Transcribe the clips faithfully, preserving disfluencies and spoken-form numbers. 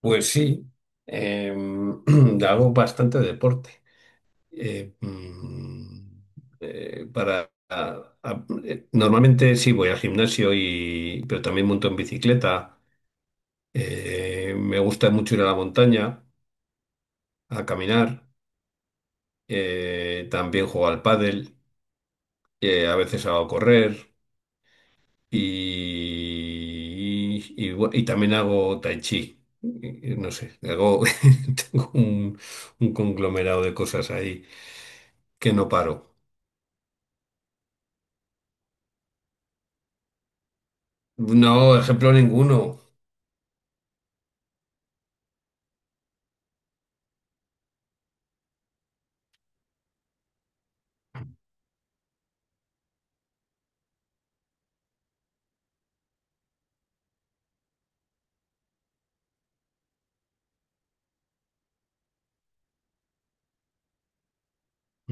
Pues sí, em, hago bastante deporte. Eh, mm, eh, para, a- a- eh, Normalmente sí voy al gimnasio y, pero también monto en bicicleta. Eh, me gusta mucho ir a la montaña a caminar. Eh, también juego al pádel. Eh, a veces hago correr y, y, bu- y también hago tai chi. Y- y No sé, hago tengo un un conglomerado de cosas ahí. Que no paro. No, ejemplo ninguno.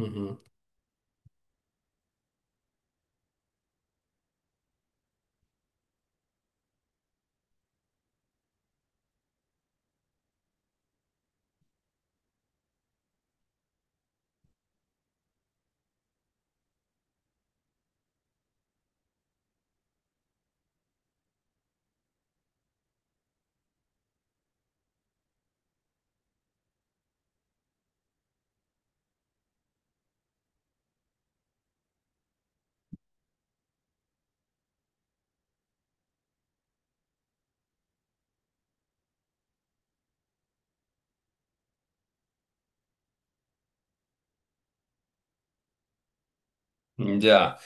Ujú. Ya.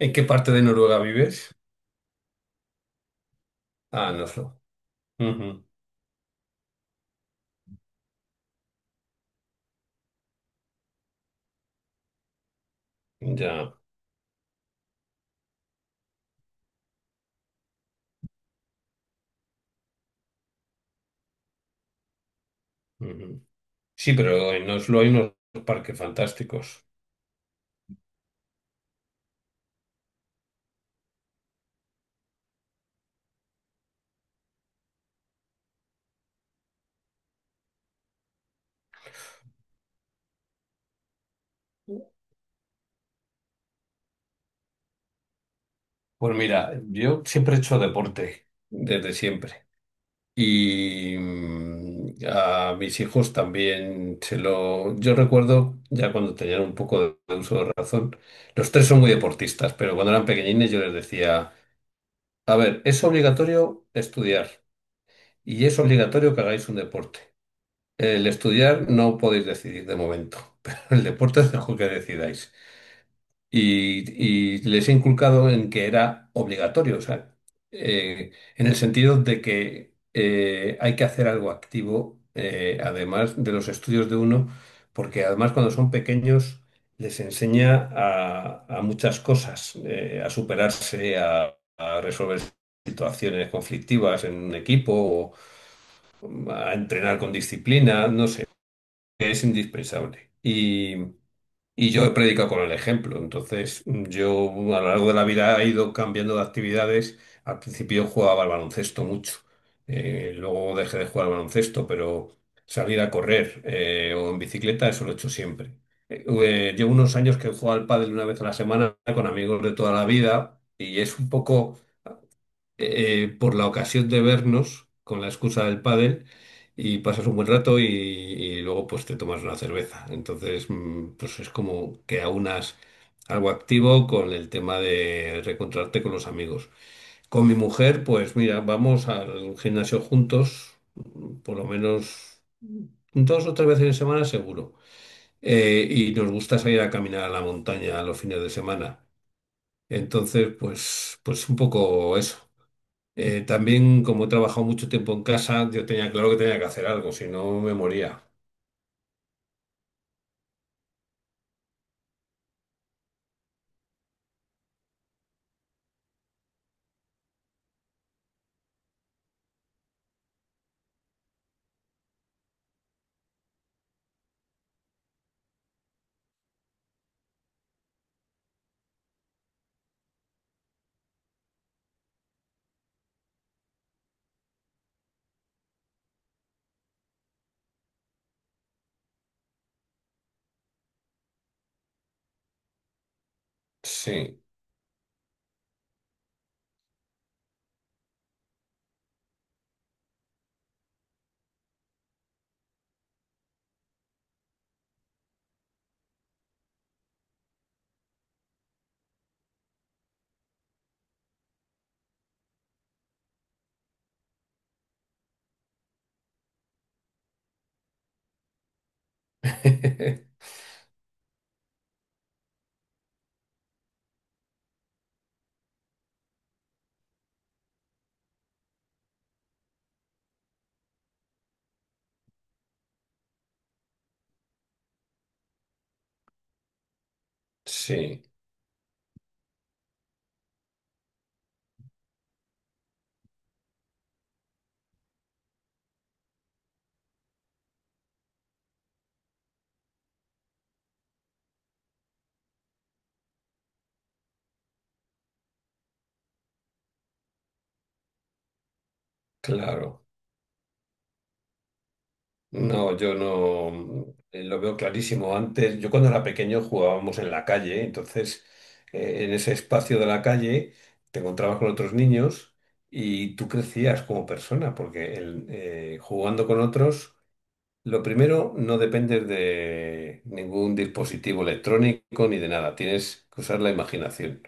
¿En qué parte de Noruega vives? Ah, en Oslo. Ujú. Ya. Ujú. Sí, pero en Oslo hay unos parques fantásticos. Pues mira, yo siempre he hecho deporte, desde siempre. Y mm, a mis hijos también se lo... Yo recuerdo, ya cuando tenían un poco de uso de razón, los tres son muy deportistas, pero cuando eran pequeñines yo les decía, a ver, es obligatorio estudiar. Y es obligatorio que hagáis un deporte. El estudiar no podéis decidir de momento, pero el deporte es algo que decidáis. Y, y les he inculcado en que era obligatorio, o sea, eh, en el sentido de que eh, hay que hacer algo activo, eh, además de los estudios de uno, porque además cuando son pequeños les enseña a, a muchas cosas, eh, a superarse, a, a resolver situaciones conflictivas en un equipo, a entrenar con disciplina, no sé, es indispensable. Y, y yo he predicado con el ejemplo, entonces yo a lo largo de la vida he ido cambiando de actividades. Al principio jugaba al baloncesto mucho, eh, luego dejé de jugar al baloncesto, pero salir a correr eh, o en bicicleta, eso lo he hecho siempre. Eh, eh, llevo unos años que juego al pádel una vez a la semana con amigos de toda la vida y es un poco eh, por la ocasión de vernos con la excusa del pádel y pasas un buen rato y, y luego pues te tomas una cerveza. Entonces, mm, pues es como que aunas algo activo con el tema de reencontrarte con los amigos. Con mi mujer, pues mira, vamos al gimnasio juntos, por lo menos dos o tres veces en semana seguro. Eh, y nos gusta salir a caminar a la montaña los fines de semana. Entonces, pues, pues un poco eso. Eh, también, como he trabajado mucho tiempo en casa, yo tenía claro que tenía que hacer algo, si no me moría. Sí, sí, claro. No, yo no eh, lo veo clarísimo. Antes, yo cuando era pequeño jugábamos en la calle, entonces eh, en ese espacio de la calle te encontrabas con otros niños y tú crecías como persona, porque el- eh, jugando con otros. Lo primero, no dependes de ningún dispositivo electrónico ni de nada. Tienes que usar la imaginación.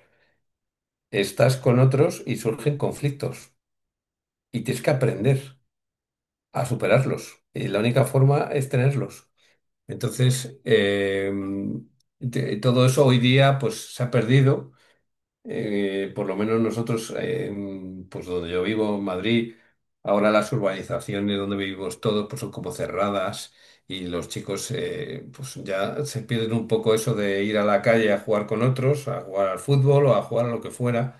Estás con otros y surgen conflictos y tienes que aprender a superarlos. Y la única forma es tenerlos. Entonces, eh, te- todo eso hoy día pues, se ha perdido. Eh, por lo menos nosotros, eh, pues donde yo vivo, en Madrid, ahora las urbanizaciones donde vivimos todos pues son como cerradas y los chicos eh, pues ya se pierden un poco eso de ir a la calle a jugar con otros, a jugar al fútbol o a jugar a lo que fuera.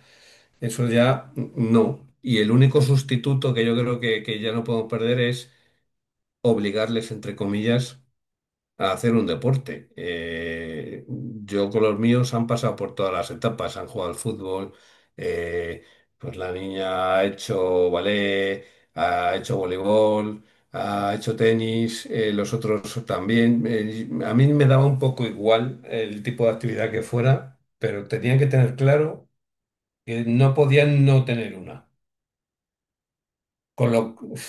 Eso ya n- no. Y el único sustituto que yo creo que, que ya no podemos perder es obligarles, entre comillas, a hacer un deporte. Eh, yo con los míos han pasado por todas las etapas, han jugado al fútbol, eh, pues la niña ha hecho ballet, ha hecho voleibol, ha hecho tenis, eh, los otros también. Eh, a mí me daba un poco igual el tipo de actividad que fuera, pero tenían que tener claro que no podían no tener una. Con lo... Uf,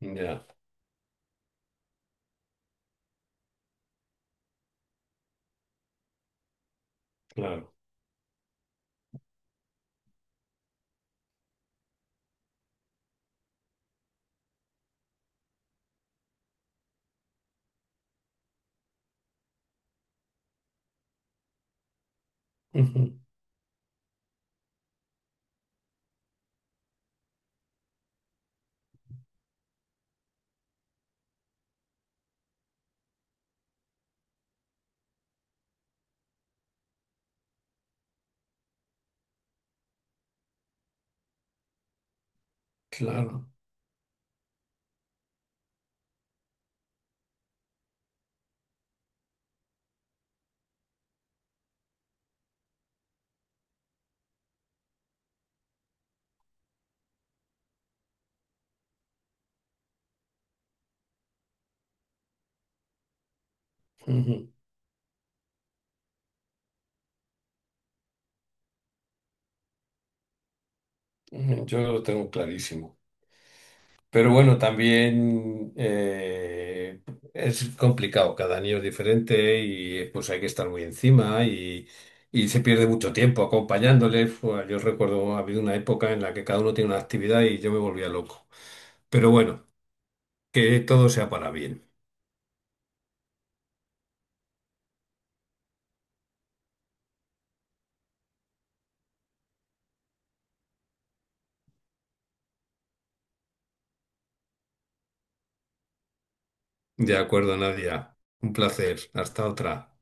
ya, claro. Ujú, claro. Ujú, ujú. Yo lo tengo clarísimo. Pero bueno, también eh, es complicado, cada niño es diferente y pues hay que estar muy encima y, y se pierde mucho tiempo acompañándole. Fue- Yo recuerdo, ha habido una época en la que cada uno tiene una actividad y yo me volvía loco. Pero bueno, que todo sea para bien. De acuerdo, Nadia. Un placer. Hasta otra.